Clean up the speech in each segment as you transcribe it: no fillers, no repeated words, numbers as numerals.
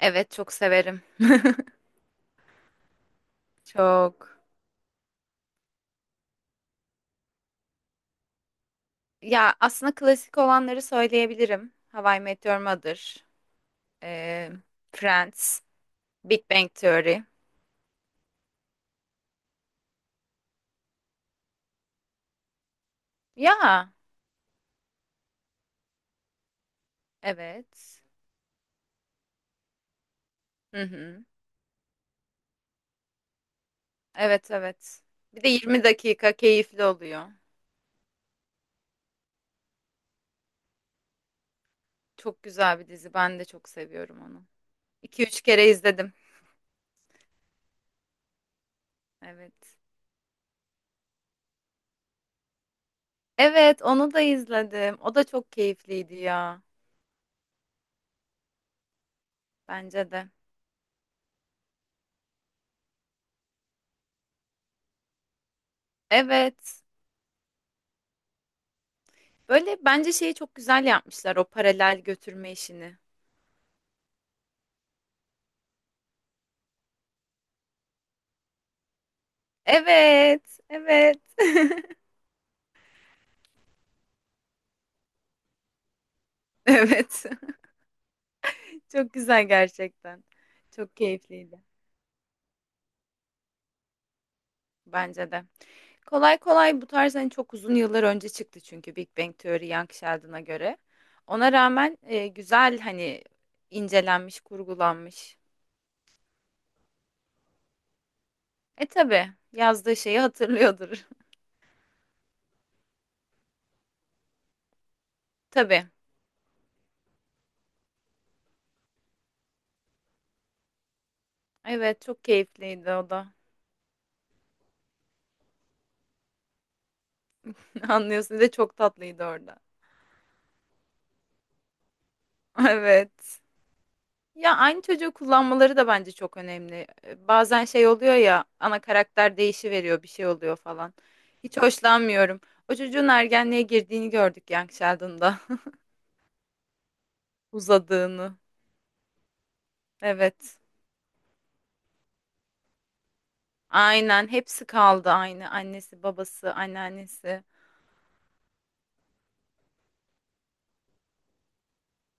Evet, çok severim. Çok. Ya, aslında klasik olanları söyleyebilirim. How I Met Your Mother, e, Friends, Big Bang Theory. Ya, evet. Hı hı. Evet, evet. Bir de 20 dakika keyifli oluyor. Çok güzel bir dizi. Ben de çok seviyorum onu. iki üç kere izledim. Evet. Evet, onu da izledim. O da çok keyifliydi ya. Bence de. Evet. Böyle bence şeyi çok güzel yapmışlar, o paralel götürme işini. Evet, evet. Evet. Çok güzel gerçekten. Çok keyifliydi. Bence de. Kolay kolay bu tarz, hani çok uzun yıllar önce çıktı çünkü Big Bang Theory, Young Sheldon'a göre. Ona rağmen güzel, hani incelenmiş, kurgulanmış. E, tabii yazdığı şeyi hatırlıyordur. Tabii. Evet, çok keyifliydi o da. Anlıyorsun, bir de çok tatlıydı orada. Evet. Ya, aynı çocuğu kullanmaları da bence çok önemli. Bazen şey oluyor ya, ana karakter değişiveriyor, bir şey oluyor falan. Hiç hoşlanmıyorum. O çocuğun ergenliğe girdiğini gördük Young Sheldon'da. Uzadığını. Evet. Aynen, hepsi kaldı aynı. Annesi, babası, anneannesi.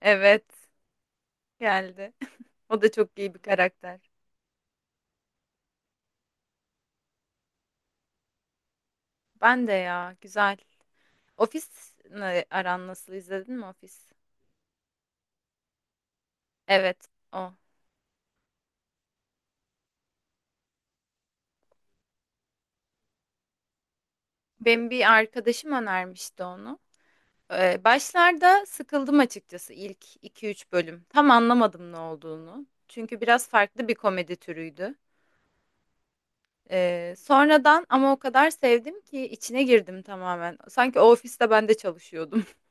Evet, geldi. O da çok iyi bir karakter. Ben de, ya, güzel. Ofis ne- aran nasıl, izledin mi Ofis? Evet, o. Benim bir arkadaşım önermişti onu. Başlarda sıkıldım açıkçası, ilk iki üç bölüm. Tam anlamadım ne olduğunu. Çünkü biraz farklı bir komedi türüydü. Sonradan ama o kadar sevdim ki içine girdim tamamen. Sanki o ofiste ben de çalışıyordum.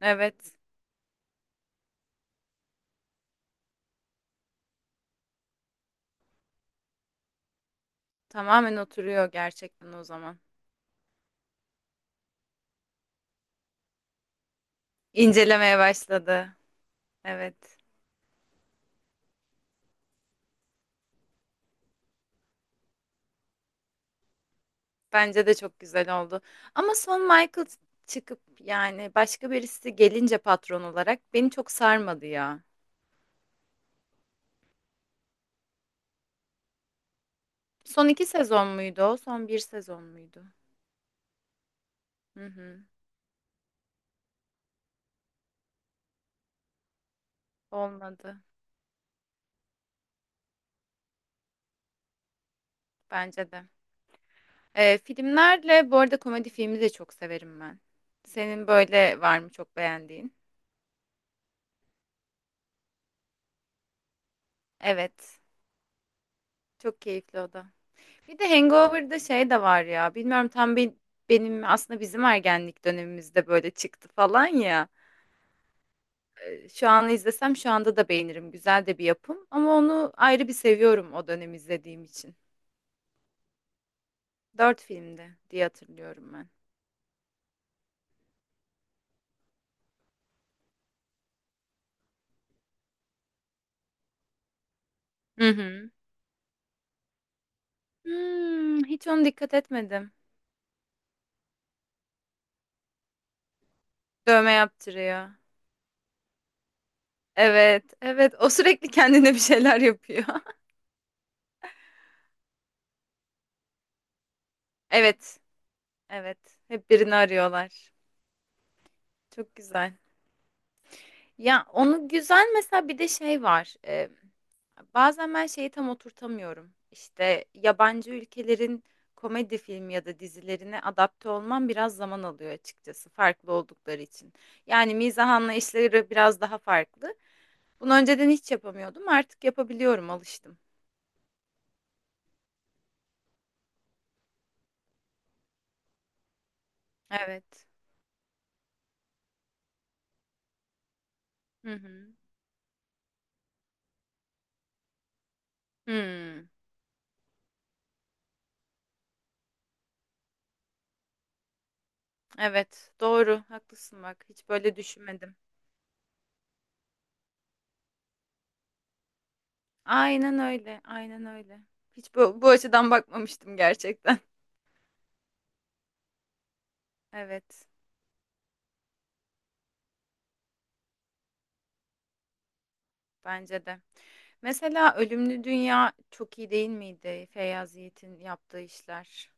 Evet, tamamen oturuyor gerçekten o zaman. İncelemeye başladı. Evet, bence de çok güzel oldu. Ama son, Michael çıkıp, yani başka birisi gelince patron olarak, beni çok sarmadı ya. Son iki sezon muydu o? Son bir sezon muydu? Hı hı. Olmadı. Bence de. Filmlerle bu arada, komedi filmi de çok severim ben. Senin böyle var mı çok beğendiğin? Evet. Çok keyifli o da. Bir de Hangover'da şey de var ya. Bilmiyorum tam bir, benim aslında bizim ergenlik dönemimizde böyle çıktı falan ya. Şu an izlesem, şu anda da beğenirim. Güzel de bir yapım. Ama onu ayrı bir seviyorum, o dönem izlediğim için. Dört filmdi diye hatırlıyorum ben. Hı hı. Hiç ona dikkat etmedim. Dövme yaptırıyor. Evet, evet. O sürekli kendine bir şeyler yapıyor. Evet, evet. Hep birini arıyorlar. Çok güzel. Ya, onu güzel mesela, bir de şey var. Bazen ben şeyi tam oturtamıyorum. İşte yabancı ülkelerin komedi filmi ya da dizilerine adapte olmam biraz zaman alıyor açıkçası, farklı oldukları için. Yani mizah anlayışları biraz daha farklı. Bunu önceden hiç yapamıyordum. Artık yapabiliyorum, alıştım. Evet. Hı hı. Hmm. Evet, doğru. Haklısın bak. Hiç böyle düşünmedim. Aynen öyle. Aynen öyle. Hiç bu açıdan bakmamıştım gerçekten. Evet, bence de. Mesela Ölümlü Dünya çok iyi değil miydi? Feyyaz Yiğit'in yaptığı işler.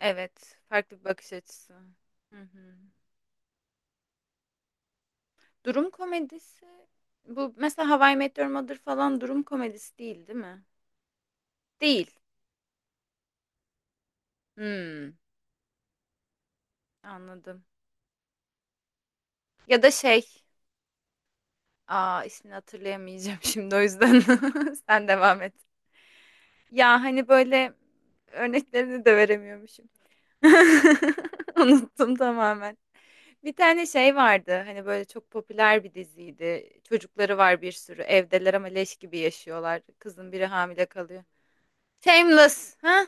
Evet, farklı bir bakış açısı. Hı hı. Durum komedisi bu mesela, How I Met Your Mother falan durum komedisi değil, değil mi? Değil. Hmm, anladım. Ya da şey, Aa, ismini hatırlayamayacağım şimdi o yüzden. Sen devam et. Ya, hani böyle örneklerini de veremiyormuşum. Unuttum tamamen. Bir tane şey vardı. Hani böyle çok popüler bir diziydi. Çocukları var bir sürü. Evdeler ama leş gibi yaşıyorlar. Kızın biri hamile kalıyor. Shameless. Ha?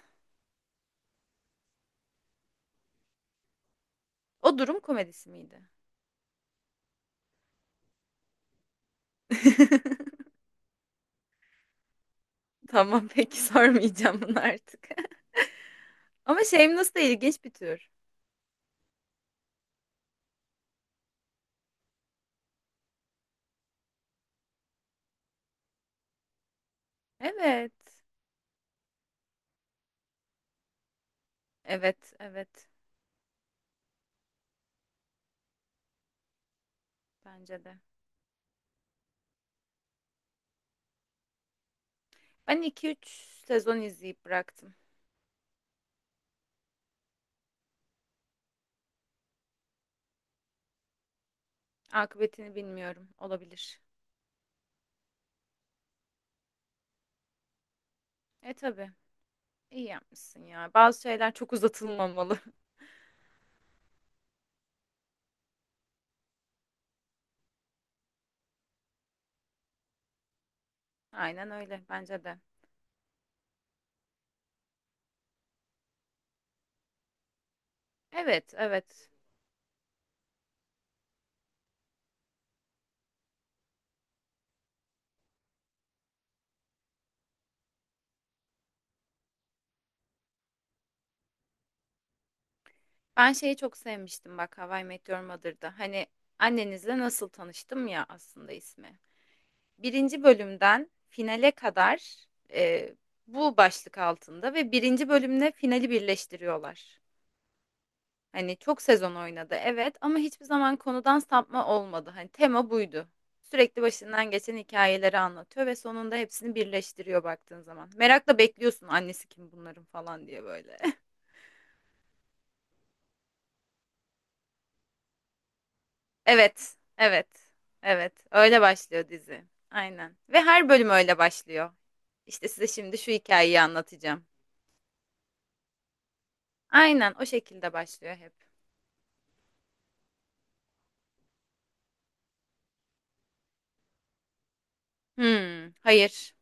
O durum komedisi miydi? Tamam, peki, sormayacağım bunu artık. Ama Shameless da ilginç bir tür. Evet. Evet, evet. Bence de. Ben iki üç sezon izleyip bıraktım. Akıbetini bilmiyorum. Olabilir. E, tabii. İyi yapmışsın ya. Bazı şeyler çok uzatılmamalı. Aynen öyle, bence de. Evet, evet. Ben şeyi çok sevmiştim bak, How I Met Your Mother'da. Hani annenizle nasıl tanıştım, ya, aslında ismi. Birinci bölümden finale kadar e, bu başlık altında, ve birinci bölümle finali birleştiriyorlar. Hani çok sezon oynadı evet, ama hiçbir zaman konudan sapma olmadı. Hani tema buydu. Sürekli başından geçen hikayeleri anlatıyor ve sonunda hepsini birleştiriyor baktığın zaman. Merakla bekliyorsun, annesi kim bunların falan diye, böyle. Evet, evet, evet. Öyle başlıyor dizi. Aynen. Ve her bölüm öyle başlıyor. İşte size şimdi şu hikayeyi anlatacağım. Aynen o şekilde başlıyor hep. Hmm, hayır,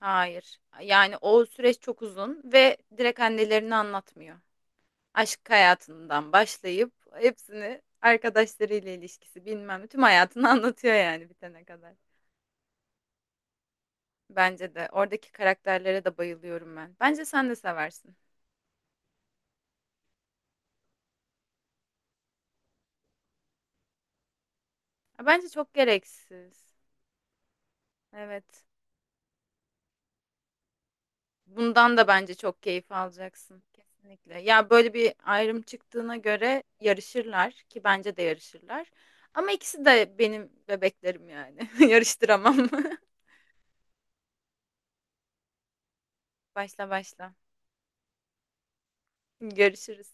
hayır. Yani o süreç çok uzun ve direkt annelerini anlatmıyor. Aşk hayatından başlayıp hepsini, arkadaşlarıyla ilişkisi, bilmem ne, tüm hayatını anlatıyor yani bitene kadar. Bence de, oradaki karakterlere de bayılıyorum ben. Bence sen de seversin. Ya, bence çok gereksiz. Evet. Bundan da bence çok keyif alacaksın. Kesinlikle. Ya, böyle bir ayrım çıktığına göre yarışırlar ki, bence de yarışırlar. Ama ikisi de benim bebeklerim yani. Yarıştıramam. Başla, başla. Görüşürüz.